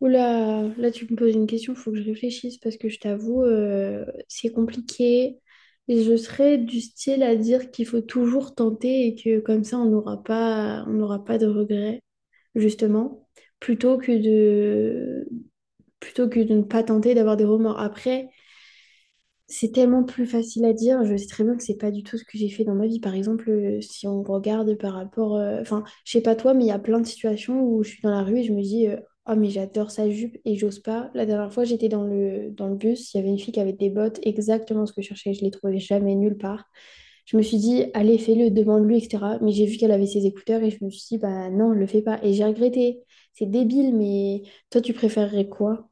Oula, là tu me poses une question, il faut que je réfléchisse parce que je t'avoue, c'est compliqué. Et je serais du style à dire qu'il faut toujours tenter et que comme ça on n'aura pas de regrets, justement, plutôt que de, plutôt que de ne pas tenter d'avoir des remords. Après, c'est tellement plus facile à dire. Je sais très bien que c'est pas du tout ce que j'ai fait dans ma vie. Par exemple, si on regarde par rapport, enfin, je sais pas toi, mais il y a plein de situations où je suis dans la rue et je me dis, oh mais j'adore sa jupe et j'ose pas. La dernière fois, j'étais dans le bus, il y avait une fille qui avait des bottes exactement ce que je cherchais. Je les trouvais jamais nulle part. Je me suis dit, allez, fais-le, demande-lui, etc. Mais j'ai vu qu'elle avait ses écouteurs et je me suis dit, bah non, le fais pas. Et j'ai regretté. C'est débile, mais toi, tu préférerais quoi?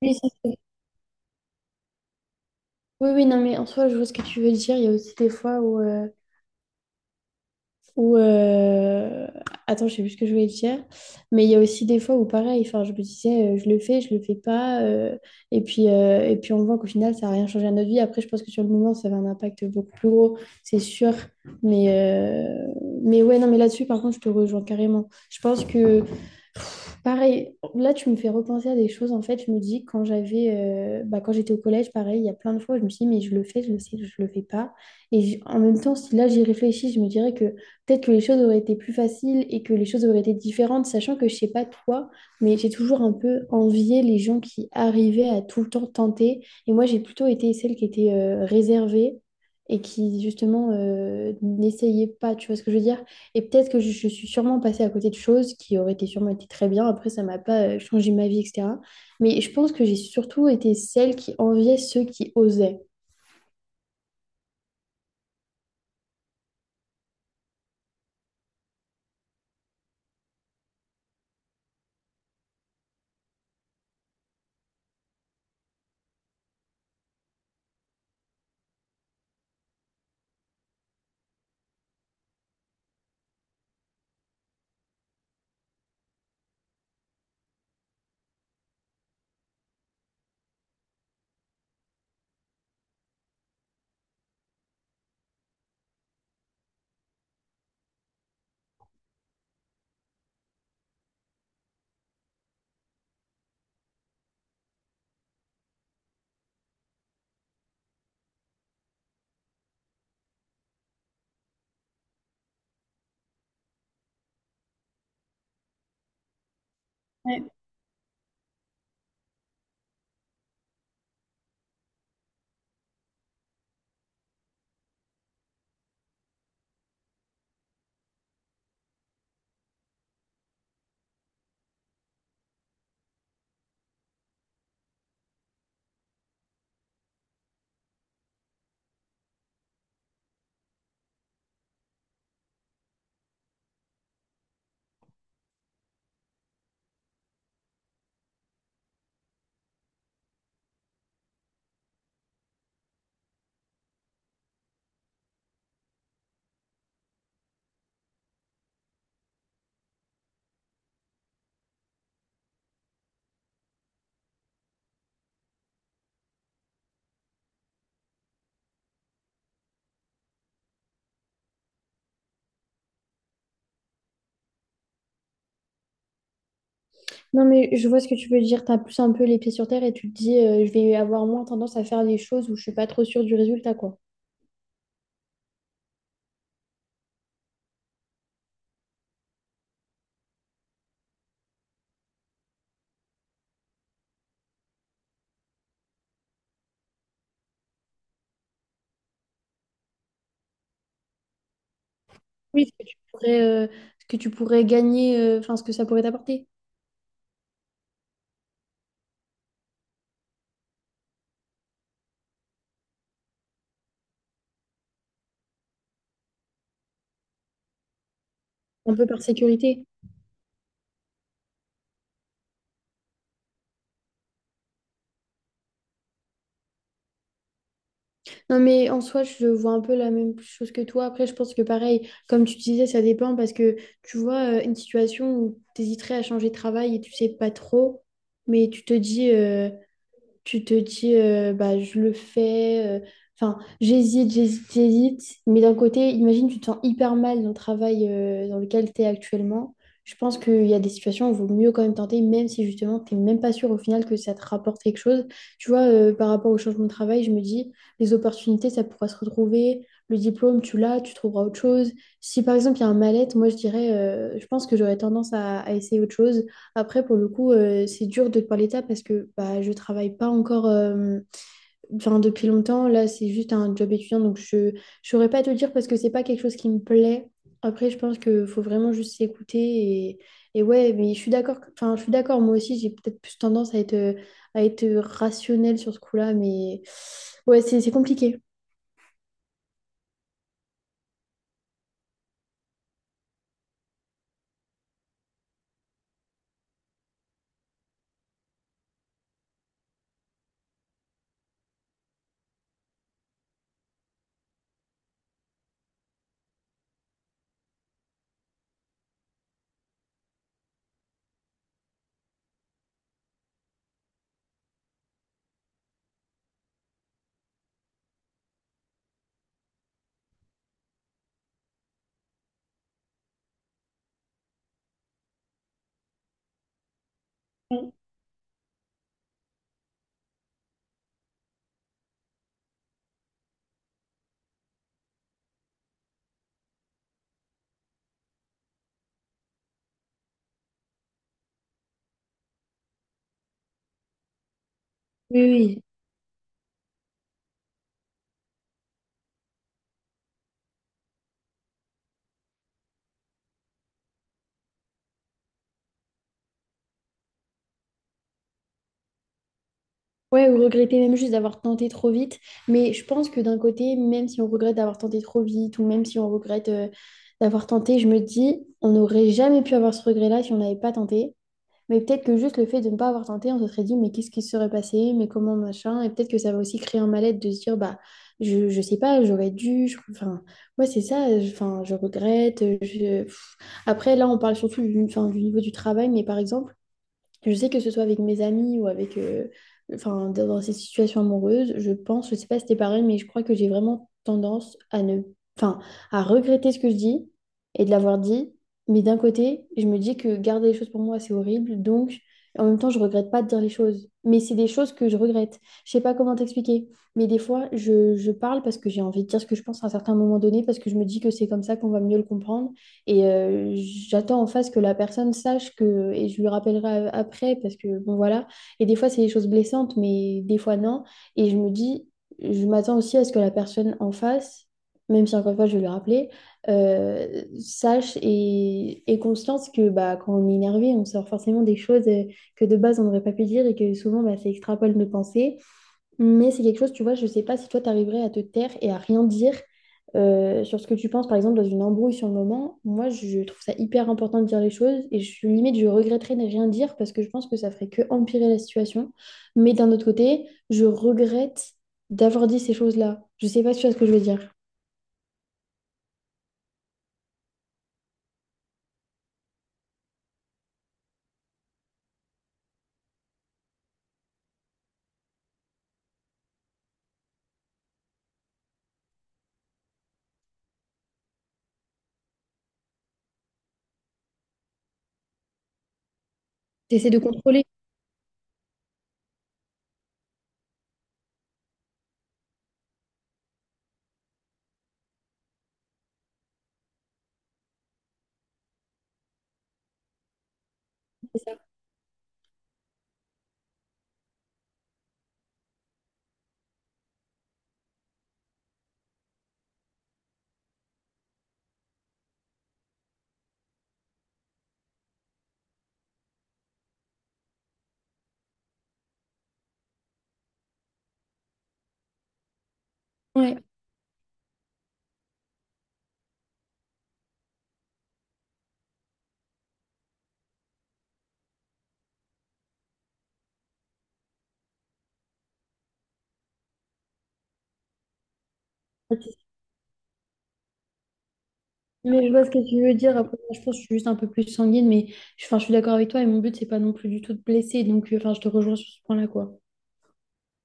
Oui. Oui, oui, non, mais en soi, je vois ce que tu veux dire. Il y a aussi des fois où attends, je sais plus ce que je voulais dire. Mais il y a aussi des fois où, pareil, enfin, je me disais, je le fais, je le fais pas. Et puis, et puis, on voit qu'au final, ça n'a rien changé à notre vie. Après, je pense que sur le moment, ça avait un impact beaucoup plus gros, c'est sûr. Mais mais ouais, non, mais là-dessus, par contre, je te rejoins carrément. Je pense que. Pareil, là tu me fais repenser à des choses. En fait, je me dis quand quand j'étais au collège, pareil, il y a plein de fois, où je me suis dit, mais je le fais, je le sais, je le fais pas. Et en même temps, si là j'y réfléchis, je me dirais que peut-être que les choses auraient été plus faciles et que les choses auraient été différentes, sachant que je sais pas toi, mais j'ai toujours un peu envié les gens qui arrivaient à tout le temps tenter. Et moi, j'ai plutôt été celle qui était réservée et qui justement n'essayait pas. Tu vois ce que je veux dire? Et peut-être que je suis sûrement passée à côté de choses qui auraient été sûrement été très bien. Après, ça m'a pas changé ma vie, etc. Mais je pense que j'ai surtout été celle qui enviait ceux qui osaient. Ouais. Non, mais je vois ce que tu veux dire. Tu as plus un peu les pieds sur terre et tu te dis, je vais avoir moins tendance à faire des choses où je suis pas trop sûre du résultat, quoi. Oui, ce que ce que tu pourrais gagner, enfin, ce que ça pourrait t'apporter, un peu par sécurité. Non, mais en soi, je vois un peu la même chose que toi. Après, je pense que pareil, comme tu disais, ça dépend parce que tu vois, une situation où tu hésiterais à changer de travail et tu sais pas trop, mais tu te dis, bah, je le fais. Enfin, j'hésite. Mais d'un côté, imagine, tu te sens hyper mal dans le travail dans lequel tu es actuellement. Je pense qu'il y a des situations où il vaut mieux quand même tenter, même si justement, tu n'es même pas sûr au final que ça te rapporte quelque chose. Tu vois, par rapport au changement de travail, je me dis, les opportunités, ça pourra se retrouver. Le diplôme, tu l'as, tu trouveras autre chose. Si par exemple, il y a un mal-être, moi, je dirais, je pense que j'aurais tendance à essayer autre chose après, pour le coup, c'est dur de parler de ça parce que bah, je travaille pas encore enfin, depuis longtemps. Là, c'est juste un job étudiant, donc je ne saurais pas te le dire parce que c'est pas quelque chose qui me plaît. Après, je pense qu'il faut vraiment juste s'écouter. Et, et ouais, mais je suis d'accord. que- Enfin, je suis d'accord. Moi aussi, j'ai peut-être plus tendance à être rationnelle sur ce coup-là, mais ouais, c'est compliqué. Oui, oui. Ouais, ou regretter même juste d'avoir tenté trop vite. Mais je pense que d'un côté, même si on regrette d'avoir tenté trop vite, ou même si on regrette d'avoir tenté, je me dis, on n'aurait jamais pu avoir ce regret-là si on n'avait pas tenté. Mais peut-être que juste le fait de ne pas avoir tenté, on se serait dit, mais qu'est-ce qui se serait passé? Mais comment machin? Et peut-être que ça va aussi créer un mal-être de se dire, bah, je sais pas, j'aurais dû. Enfin, ouais, c'est ça. Enfin, je regrette. Pff. Après, là, on parle surtout du, enfin, du niveau du travail, mais par exemple, je sais que ce soit avec mes amis ou avec, enfin, dans ces situations amoureuses, je pense, je sais pas si c'était pareil, mais je crois que j'ai vraiment tendance à ne, enfin, à regretter ce que je dis et de l'avoir dit. Mais d'un côté, je me dis que garder les choses pour moi, c'est horrible. Donc, en même temps, je regrette pas de dire les choses. Mais c'est des choses que je regrette. Je sais pas comment t'expliquer. Mais des fois, je parle parce que j'ai envie de dire ce que je pense à un certain moment donné, parce que je me dis que c'est comme ça qu'on va mieux le comprendre. Et j'attends en face que la personne sache que, et je lui rappellerai après, parce que, bon, voilà. Et des fois, c'est des choses blessantes, mais des fois, non. Et je me dis, je m'attends aussi à ce que la personne en face, même si encore une fois, je vais lui rappeler, sache et ait conscience que bah, quand on est énervé, on sort forcément des choses que de base, on n'aurait pas pu dire et que souvent, bah, ça extrapole nos pensées. Mais c'est quelque chose, tu vois, je sais pas si toi, tu arriverais à te taire et à rien dire sur ce que tu penses, par exemple, dans une embrouille sur le moment. Moi, je trouve ça hyper important de dire les choses et limite, je regretterais de rien dire parce que je pense que ça ferait que empirer la situation. Mais d'un autre côté, je regrette d'avoir dit ces choses-là. Je sais pas si tu vois ce que je veux dire. T'essaies de contrôler, c'est ça? Ouais. Mais je vois ce que tu veux dire. Après, moi, je pense que je suis juste un peu plus sanguine, mais enfin, je suis d'accord avec toi et mon but, c'est pas non plus du tout de blesser. Donc, enfin, je te rejoins sur ce point-là, quoi.